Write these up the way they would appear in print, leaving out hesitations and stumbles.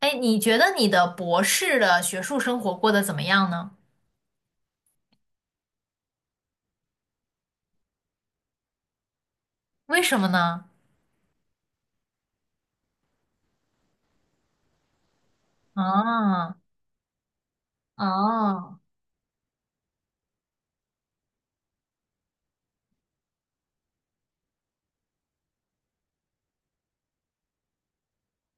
哎，你觉得你的博士的学术生活过得怎么样呢？为什么呢？啊啊！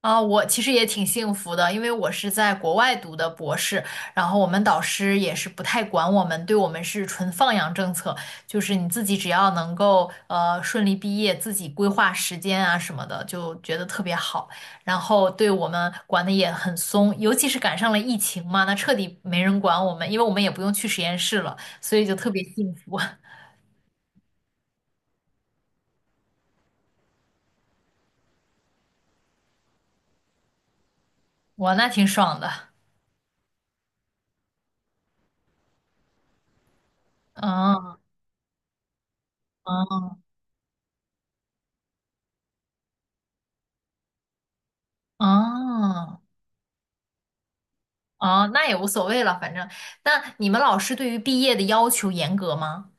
啊，我其实也挺幸福的，因为我是在国外读的博士，然后我们导师也是不太管我们，对我们是纯放养政策，就是你自己只要能够顺利毕业，自己规划时间啊什么的，就觉得特别好。然后对我们管的也很松，尤其是赶上了疫情嘛，那彻底没人管我们，因为我们也不用去实验室了，所以就特别幸福，哇，那挺爽的。嗯嗯嗯。哦，那也无所谓了，反正。那你们老师对于毕业的要求严格吗？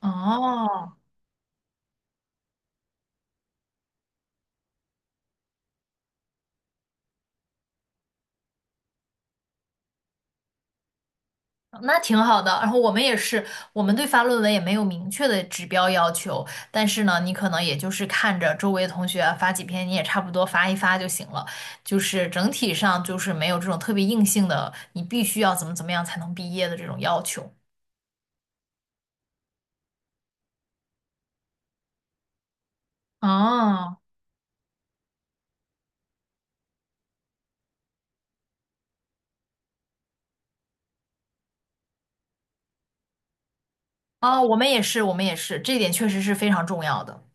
哦，那挺好的。然后我们也是，我们对发论文也没有明确的指标要求，但是呢，你可能也就是看着周围同学啊发几篇，你也差不多发一发就行了。就是整体上就是没有这种特别硬性的，你必须要怎么怎么样才能毕业的这种要求。哦，哦，我们也是，我们也是，这点确实是非常重要的。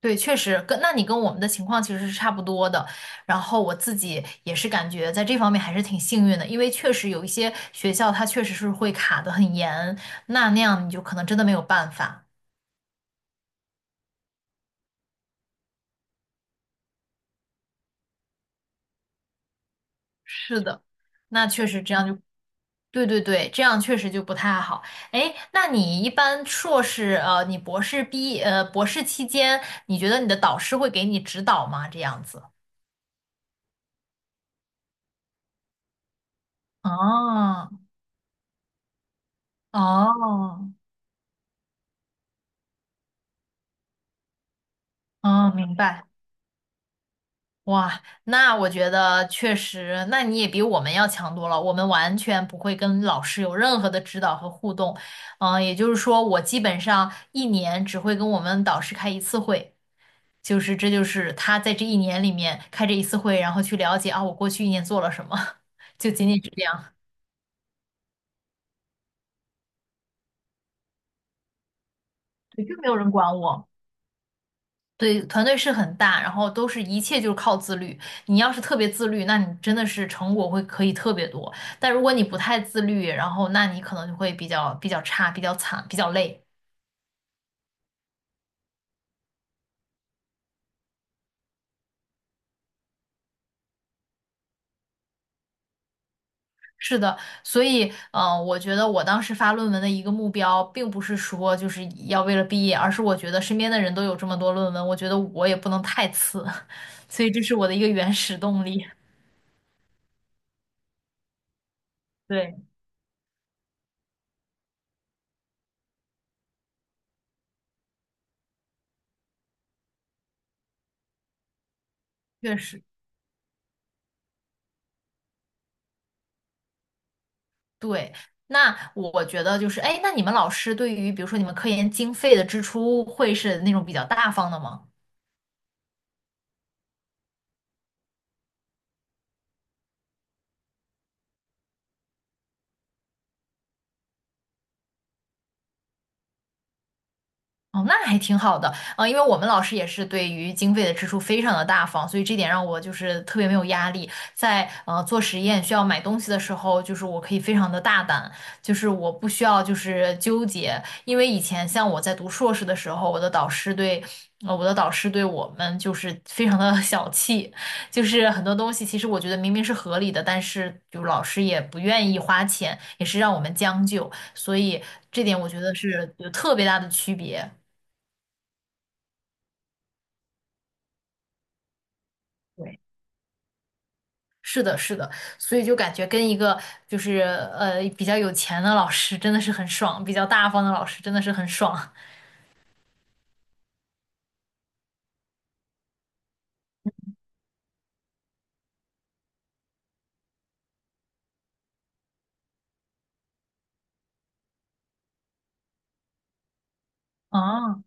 对，确实跟你跟我们的情况其实是差不多的。然后我自己也是感觉在这方面还是挺幸运的，因为确实有一些学校它确实是会卡得很严，那那样你就可能真的没有办法。是的，那确实这样就，对对对，这样确实就不太好。哎，那你一般硕士，你博士博士期间，你觉得你的导师会给你指导吗？这样子？哦哦哦，明白。哇，那我觉得确实，那你也比我们要强多了。我们完全不会跟老师有任何的指导和互动，嗯，也就是说，我基本上一年只会跟我们导师开一次会，就是这就是他在这一年里面开这一次会，然后去了解啊，我过去一年做了什么，就仅仅是这样，对，就没有人管我。对，团队是很大，然后都是一切就是靠自律。你要是特别自律，那你真的是成果会可以特别多。但如果你不太自律，然后那你可能就会比较差、比较惨、比较累。是的，所以，嗯、我觉得我当时发论文的一个目标，并不是说就是要为了毕业，而是我觉得身边的人都有这么多论文，我觉得我也不能太次，所以这是我的一个原始动力。对，确实。对，那我觉得就是，哎，那你们老师对于比如说你们科研经费的支出会是那种比较大方的吗？哦，那还挺好的，啊、因为我们老师也是对于经费的支出非常的大方，所以这点让我就是特别没有压力。在做实验需要买东西的时候，就是我可以非常的大胆，就是我不需要就是纠结，因为以前像我在读硕士的时候，我的导师对。我的导师对我们就是非常的 小气，就是很多东西其实我觉得明明是合理的，但是就老师也不愿意花钱，也是让我们将就，所以这点我觉得是有特别大的区别。对，是的，是的，所以就感觉跟一个就是比较有钱的老师真的是很爽，比较大方的老师真的是很爽。哦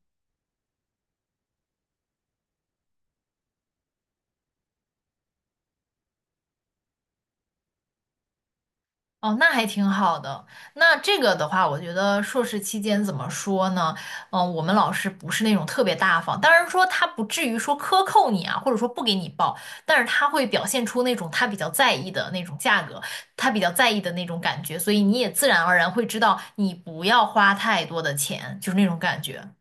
哦，那还挺好的。那这个的话，我觉得硕士期间怎么说呢？嗯、我们老师不是那种特别大方，当然说他不至于说克扣你啊，或者说不给你报，但是他会表现出那种他比较在意的那种价格，他比较在意的那种感觉，所以你也自然而然会知道你不要花太多的钱，就是那种感觉。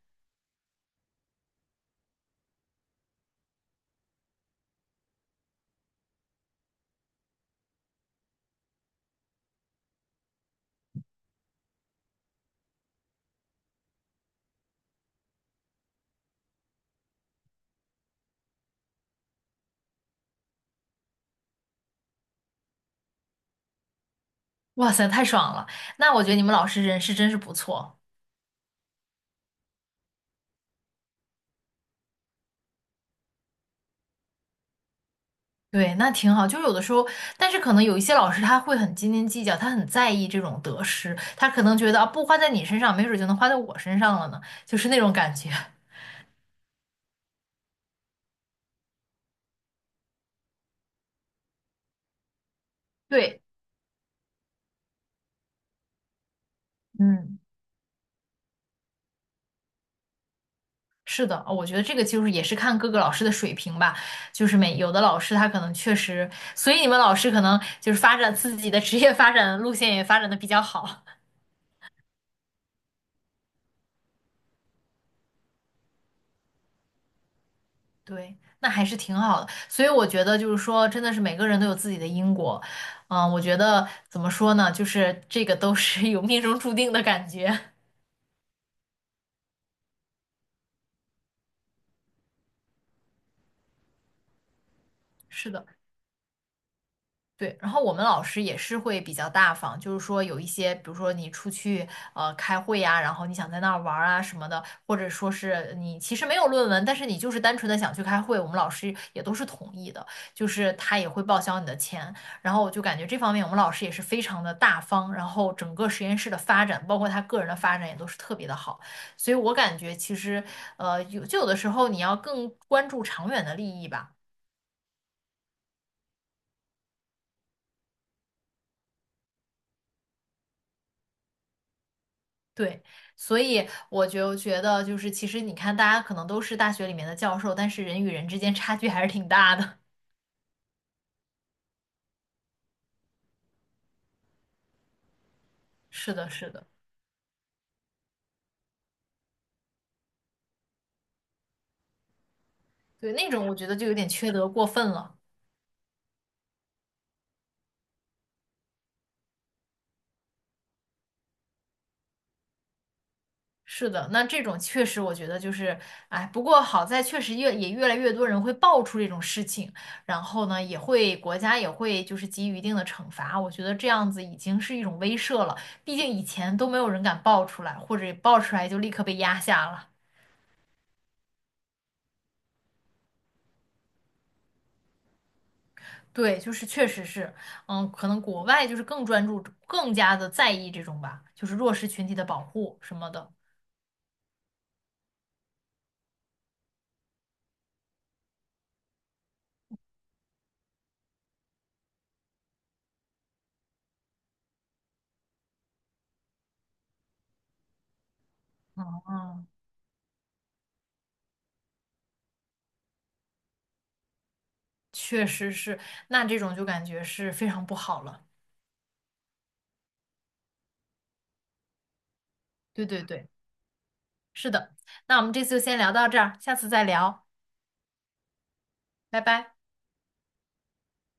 哇塞，太爽了！那我觉得你们老师人是真是不错，对，那挺好。就有的时候，但是可能有一些老师他会很斤斤计较，他很在意这种得失，他可能觉得啊，不花在你身上，没准儿就能花在我身上了呢，就是那种感觉。对，嗯，是的，哦我觉得这个就是也是看各个老师的水平吧，就是每有的老师他可能确实，所以你们老师可能就是发展自己的职业发展路线也发展的比较好。对，那还是挺好的。所以我觉得就是说，真的是每个人都有自己的因果。嗯，我觉得怎么说呢，就是这个都是有命中注定的感觉。是的。对，然后我们老师也是会比较大方，就是说有一些，比如说你出去开会呀、然后你想在那儿玩儿啊什么的，或者说是你其实没有论文，但是你就是单纯的想去开会，我们老师也都是同意的，就是他也会报销你的钱。然后我就感觉这方面我们老师也是非常的大方，然后整个实验室的发展，包括他个人的发展也都是特别的好，所以我感觉其实有就有的时候你要更关注长远的利益吧。对，所以我就觉得，就是其实你看，大家可能都是大学里面的教授，但是人与人之间差距还是挺大的。是的，是的，对，那种我觉得就有点缺德过分了。是的，那这种确实我觉得就是，哎，不过好在确实越也越来越多人会爆出这种事情，然后呢，也会国家也会就是给予一定的惩罚。我觉得这样子已经是一种威慑了，毕竟以前都没有人敢爆出来，或者爆出来就立刻被压下了。对，就是确实是，嗯，可能国外就是更专注、更加的在意这种吧，就是弱势群体的保护什么的。嗯嗯，确实是，那这种就感觉是非常不好了。对对对，是的。那我们这次就先聊到这儿，下次再聊，拜拜。